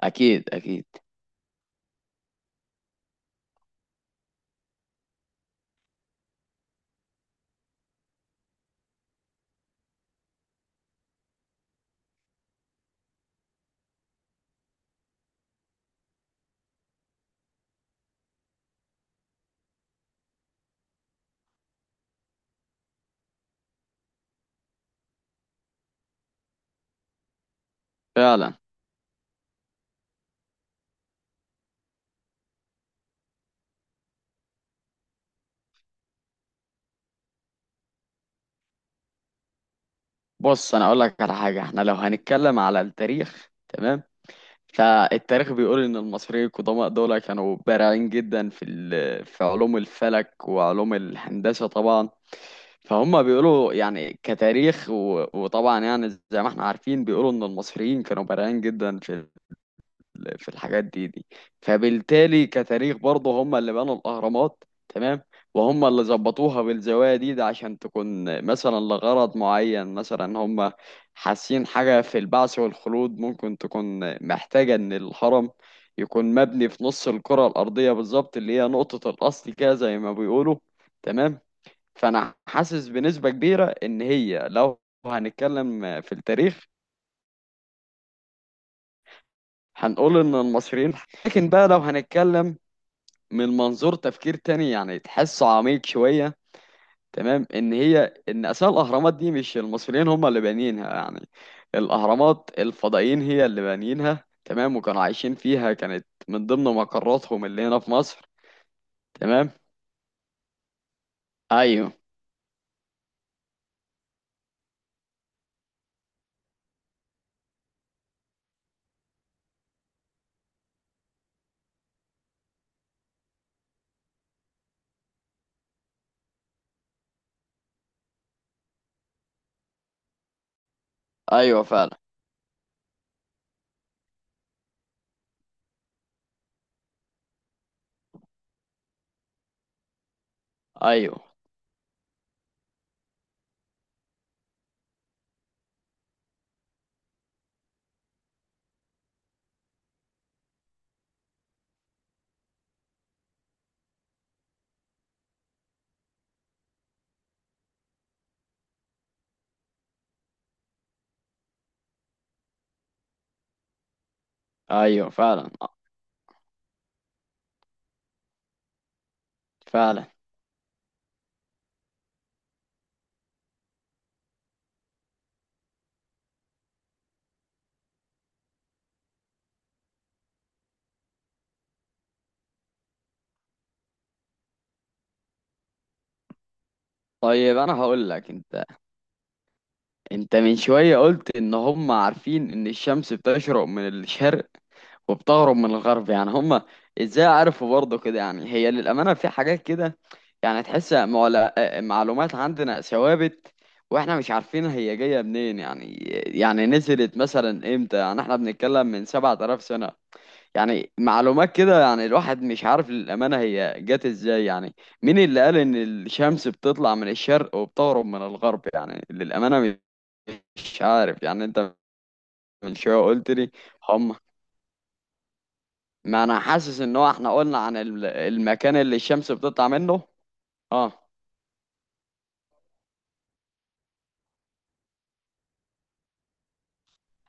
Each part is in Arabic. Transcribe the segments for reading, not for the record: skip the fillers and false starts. اكيد. فعلا. بص، انا اقول لك على حاجه، احنا لو هنتكلم على التاريخ، تمام؟ فالتاريخ بيقول ان المصريين القدماء دول كانوا بارعين جدا في علوم الفلك وعلوم الهندسه طبعا. فهم بيقولوا يعني كتاريخ وطبعا يعني زي ما احنا عارفين بيقولوا ان المصريين كانوا بارعين جدا في في الحاجات دي دي. فبالتالي كتاريخ برضه هم اللي بنوا الأهرامات، تمام؟ وهم اللي ظبطوها بالزوائد دي عشان تكون مثلا لغرض معين، مثلا هم حاسين حاجة في البعث والخلود، ممكن تكون محتاجة إن الهرم يكون مبني في نص الكرة الأرضية بالظبط، اللي هي نقطة الأصل كده زي ما بيقولوا، تمام؟ فأنا حاسس بنسبة كبيرة إن هي لو هنتكلم في التاريخ هنقول إن المصريين. لكن بقى لو هنتكلم من منظور تفكير تاني يعني تحسه عميق شوية، تمام، ان هي ان اساس الاهرامات دي مش المصريين هم اللي بانيينها، يعني الاهرامات الفضائيين هي اللي بانيينها، تمام، وكانوا عايشين فيها، كانت من ضمن مقراتهم اللي هنا في مصر. تمام، ايوه. ايوه فعلا. ايوه. ايوه فعلا. فعلا. طيب انا هقول لك انت، انت من شوية قلت ان هم عارفين ان الشمس بتشرق من الشرق وبتهرب من الغرب، يعني هم ازاي عرفوا برضه كده؟ يعني هي للأمانة في حاجات كده يعني تحس معلومات عندنا ثوابت واحنا مش عارفين هي جاية منين، يعني يعني نزلت مثلا امتى؟ يعني احنا بنتكلم من 7000 سنة. يعني معلومات كده، يعني الواحد مش عارف للأمانة هي جت ازاي يعني. مين اللي قال ان الشمس بتطلع من الشرق وبتغرب من الغرب؟ يعني للأمانة مش عارف يعني. انت من شوية قلت لي هم. ما انا حاسس ان هو احنا قلنا عن المكان اللي الشمس بتطلع منه. اه.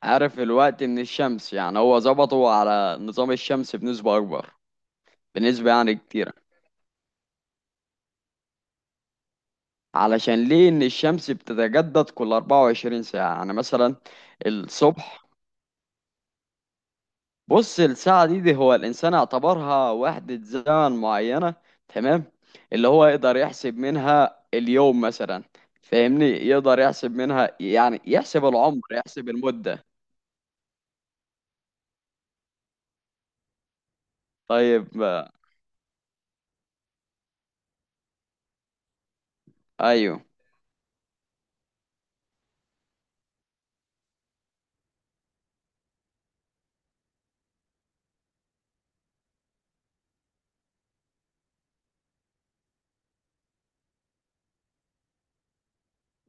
عارف الوقت من الشمس، يعني هو ظبطه على نظام الشمس بنسبة اكبر، بنسبة يعني كتيرة، علشان ليه؟ ان الشمس بتتجدد كل 24 ساعة يعني مثلا الصبح. بص الساعة دي هو الانسان اعتبرها وحدة زمن معينة، تمام، اللي هو يقدر يحسب منها اليوم مثلا. فاهمني؟ يقدر يحسب منها، يعني يحسب العمر، يحسب المدة. طيب. ايوه.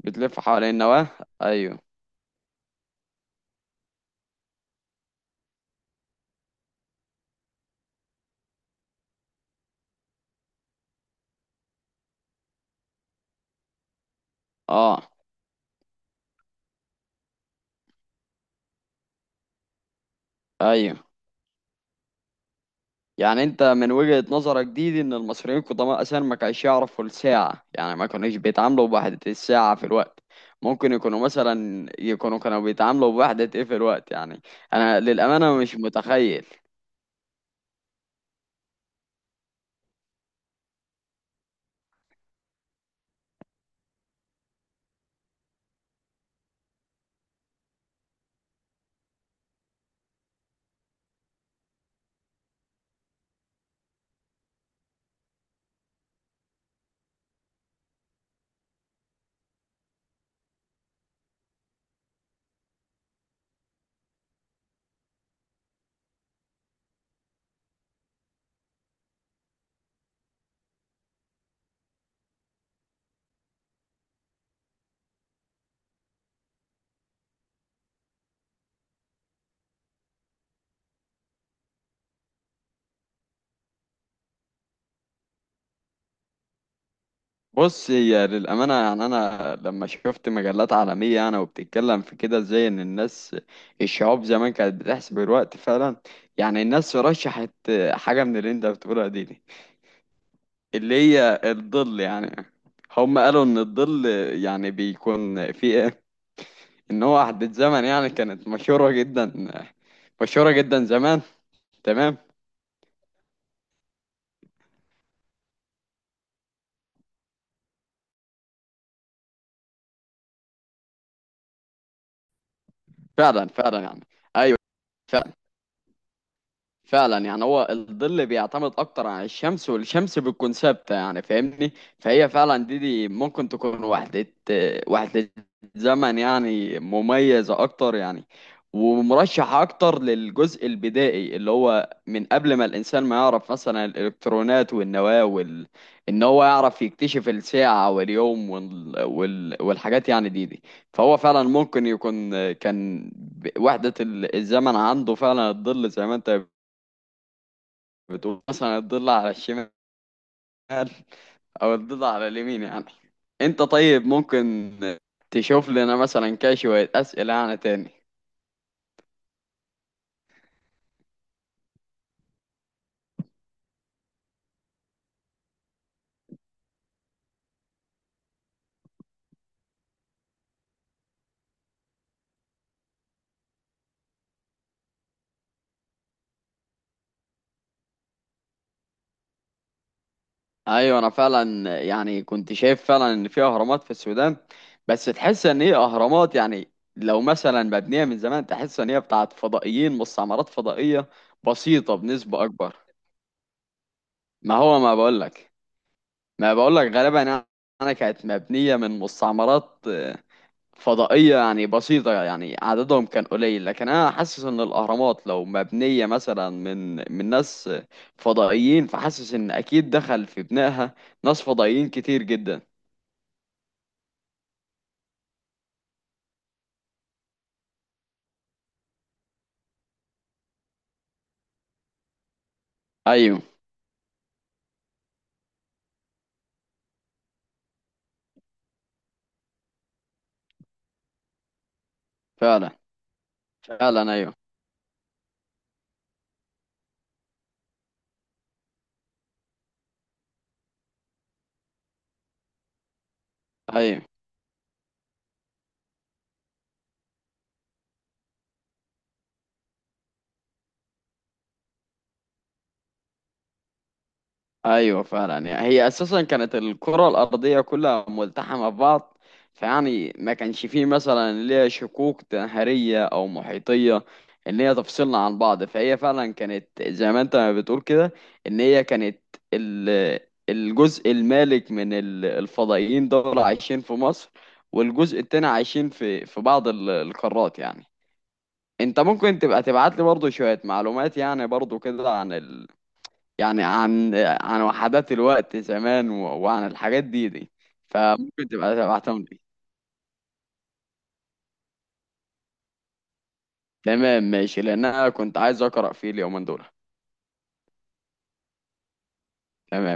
بتلف حوالين النواة. ايوه. اه. ايوه. يعني انت من وجهة نظرك دي ان المصريين القدماء اساسا ما كانش يعرفوا الساعة، يعني ما كانوش بيتعاملوا بوحدة الساعة في الوقت. ممكن يكونوا مثلا يكونوا كانوا بيتعاملوا بوحدة ايه في الوقت يعني؟ انا للأمانة مش متخيل. بص هي للأمانة، يعني أنا لما شفت مجلات عالمية أنا وبتتكلم في كده ازاي إن الناس، الشعوب زمان كانت بتحسب الوقت فعلا، يعني الناس رشحت حاجة من اللي أنت بتقولها دي. اللي هي الظل يعني. هم قالوا ان الظل يعني بيكون في إيه؟ ان هو وحدة زمن يعني، كانت مشهورة جدا، مشهورة جدا زمان، تمام. فعلا فعلا يعني. ايوه فعلا، يعني هو الظل بيعتمد اكتر على الشمس، والشمس بتكون ثابته يعني. فاهمني؟ فهي فعلا دي ممكن تكون وحده، وحده زمن يعني مميزه اكتر يعني، ومرشحه اكتر للجزء البدائي اللي هو من قبل ما الانسان ما يعرف مثلا الالكترونات والنواه وال... ان هو يعرف يكتشف الساعه واليوم وال... وال... والحاجات يعني دي دي. فهو فعلا ممكن يكون كان وحده الزمن عنده فعلا الظل، زي ما انت بتقول مثلا الضلع على الشمال او الضلع على اليمين يعني. انت طيب ممكن تشوف لنا مثلا كده شوية اسئلة يعني تاني؟ ايوه انا فعلا، يعني كنت شايف فعلا ان في اهرامات في السودان، بس تحس ان هي اهرامات يعني لو مثلا مبنية من زمان، تحس ان هي بتاعت فضائيين، مستعمرات فضائية بسيطة بنسبة اكبر. ما هو ما بقولك، ما بقولك غالبا يعني. انا كانت مبنية من مستعمرات فضائية يعني بسيطة، يعني عددهم كان قليل، لكن أنا حاسس إن الأهرامات لو مبنية مثلا من من ناس فضائيين، فحاسس إن أكيد دخل في بنائها ناس فضائيين كتير جدا. أيوه فعلا. فعلا أيوه. أيوه. ايوه فعلا، يعني هي اساسا كانت الكره الارضيه كلها ملتحمه ببعض، فيعني ما كانش فيه مثلا اللي هي شقوق نهريه او محيطيه ان هي تفصلنا عن بعض. فهي فعلا كانت زي ما انت ما بتقول كده، ان هي كانت ال- الجزء المالك من الفضائيين دول عايشين في مصر، والجزء التاني عايشين في في بعض القارات يعني. انت ممكن تبقى تبعت لي برضه شويه معلومات يعني برضه كده عن، يعني عن عن وحدات الوقت زمان و... وعن الحاجات دي دي؟ فممكن تبقى تبعتهم لي. تمام ماشي، لان انا كنت عايز اقرا فيه اليومين دول. تمام.